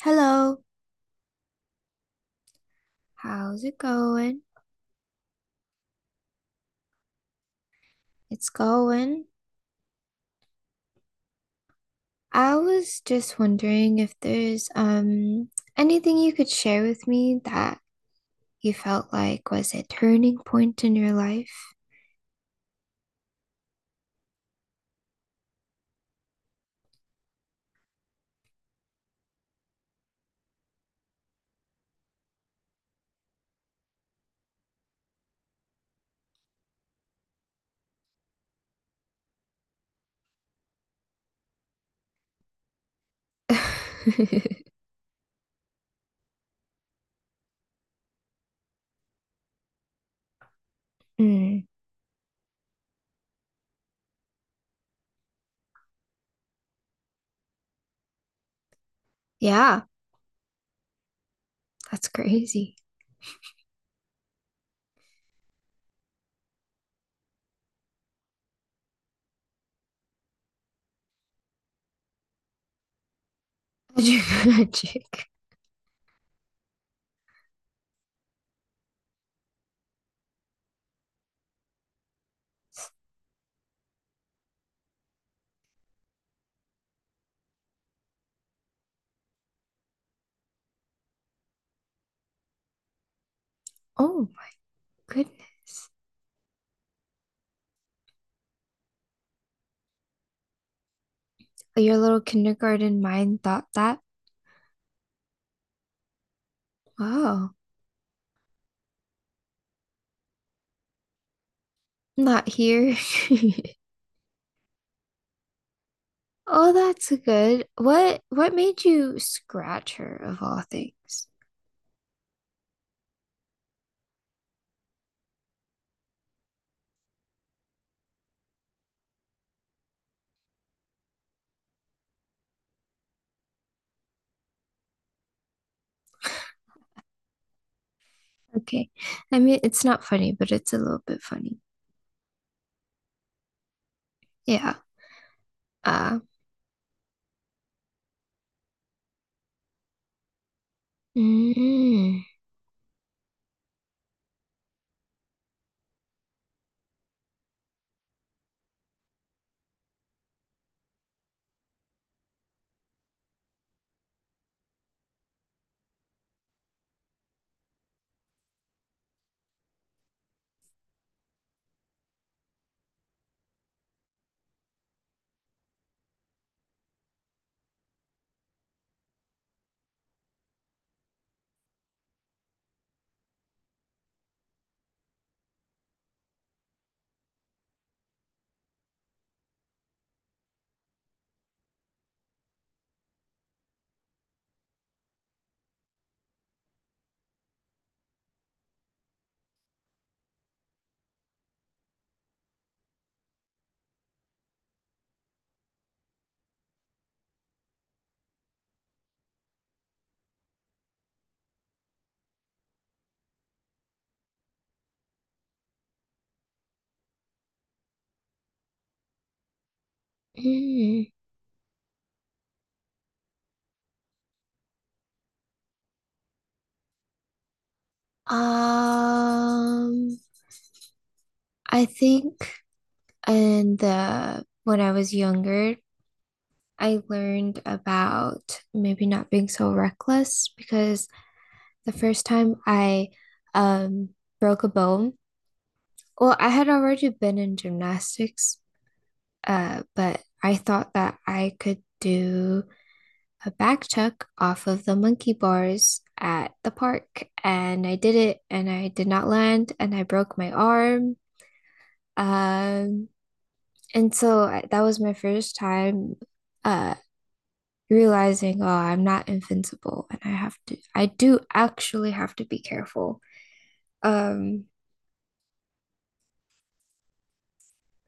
Hello, how's it going? It's going. I was just wondering if there's anything you could share with me that you felt like was a turning point in your life. Mm, yeah, that's crazy. Magic, magic. Oh my goodness. Your little kindergarten mind thought that. Wow, not here. Oh, that's good. What made you scratch her of all things? Okay. I mean, it's not funny, but it's a little bit funny. Yeah. Uh, mm, mm. Um, I think in the when I was younger, I learned about maybe not being so reckless because the first time I um broke a bone. Well, I had already been in gymnastics, but I thought that I could do a back tuck off of the monkey bars at the park, and I did it and I did not land, and I broke my arm. Um, and so that was my first time uh realizing, oh, I'm not invincible and I have to I do actually have to be careful. Um,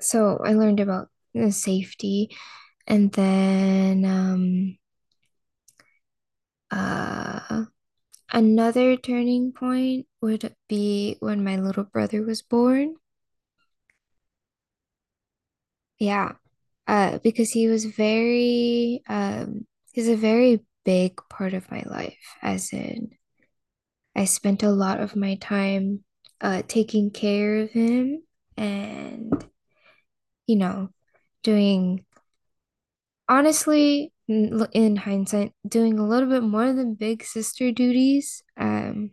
so I learned about the safety. And then uh another turning point would be when my little brother was born. Yeah, because he was very, he's a very big part of my life, as in I spent a lot of my time taking care of him and, you know, doing, honestly, in hindsight, doing a little bit more than big sister duties.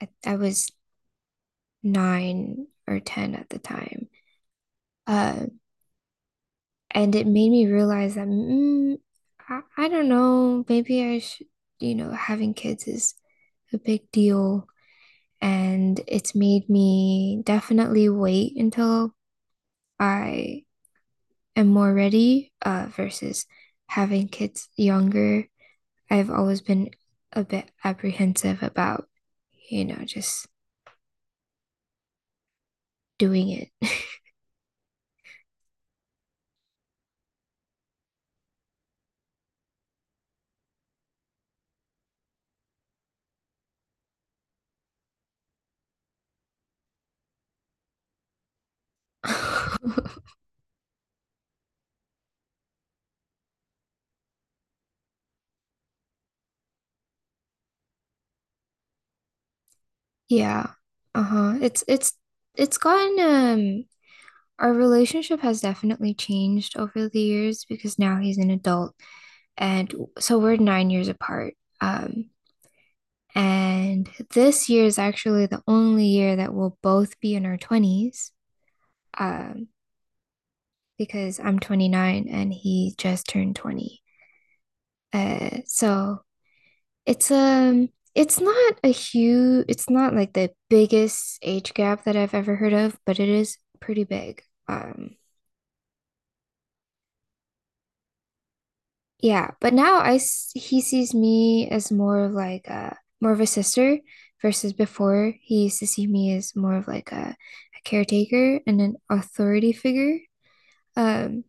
I was nine or 10 at the time. Uh, And it made me realize that, I don't know, maybe I should, you know, having kids is a big deal. And it's made me definitely wait until I am more ready, versus having kids younger. I've always been a bit apprehensive about, you know, just doing it. Yeah. Uh-huh. It's gotten Our relationship has definitely changed over the years because now he's an adult. And so we're 9 years apart. Um, and this year is actually the only year that we'll both be in our 20s, um, because I'm 29 and he just turned 20. So it's um it's not a huge, it's not like the biggest age gap that I've ever heard of, but it is pretty big. Um, Yeah, but now he sees me as more of like a more of a sister versus before he used to see me as more of like a caretaker and an authority figure. Um,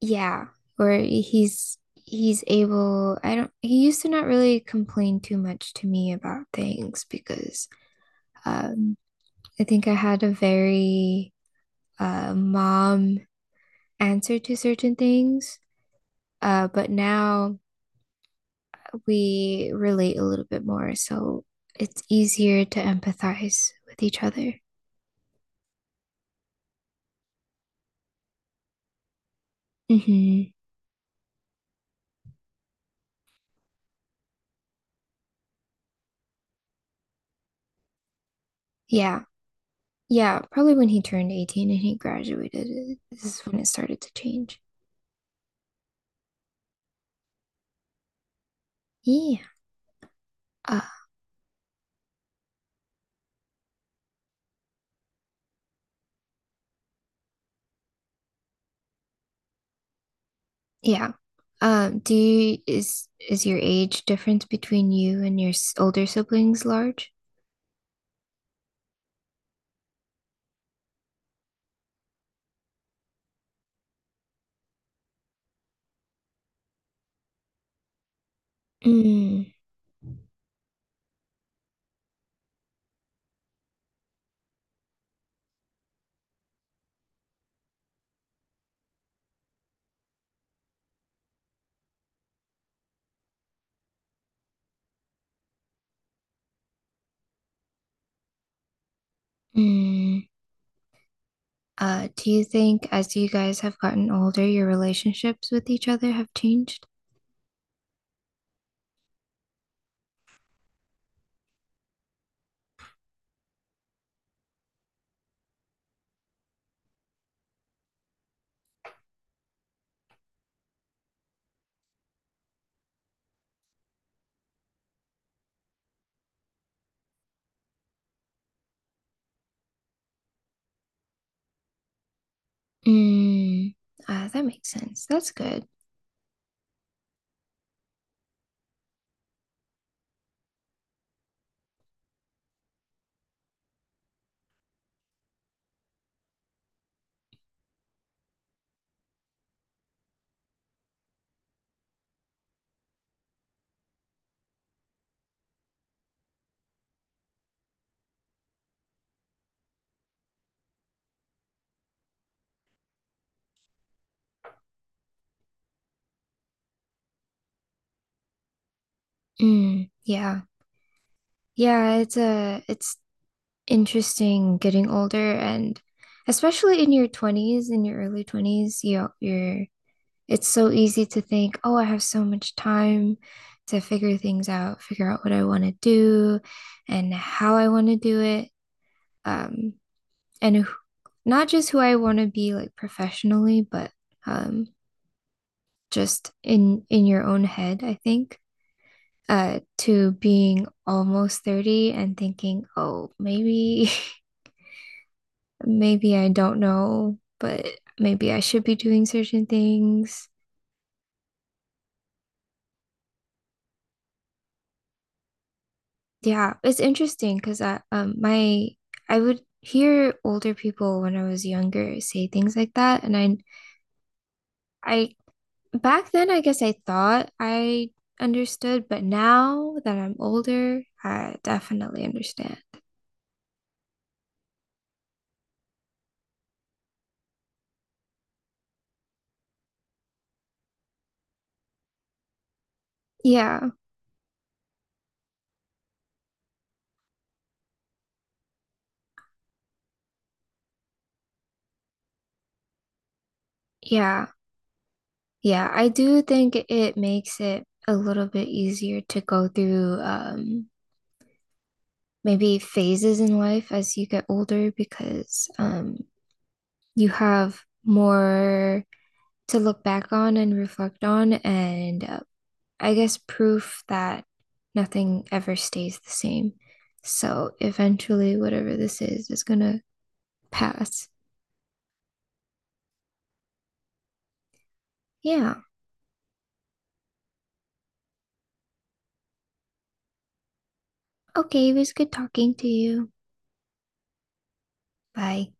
yeah, where he's able, I don't, he used to not really complain too much to me about things because um I think I had a very mom answer to certain things. But now we relate a little bit more, so it's easier to empathize with each other. hmm Yeah. Yeah, probably when he turned 18 and he graduated, this is when it started to change. Yeah. Uh, yeah. Do you, is your age difference between you and your older siblings large? Mm, mm. Do you think as you guys have gotten older, your relationships with each other have changed? Mm, that makes sense. That's good. Mm, yeah. Yeah, it's interesting getting older, and especially in your 20s, in your early 20s, you're it's so easy to think, "Oh, I have so much time to figure things out, figure out what I want to do and how I want to do it." Um, and who, not just who I want to be like professionally, but um just in your own head, I think. To being almost 30 and thinking, oh, maybe maybe I don't know, but maybe I should be doing certain things. Yeah, it's interesting because I would hear older people when I was younger say things like that, and I back then I guess I thought I understood, but now that I'm older, I definitely understand. Yeah. Yeah. Yeah, I do think it makes it a little bit easier to go through maybe phases in life as you get older, because you have more to look back on and reflect on, and I guess proof that nothing ever stays the same. So eventually, whatever this is gonna pass. Yeah. Okay, it was good talking to you. Bye.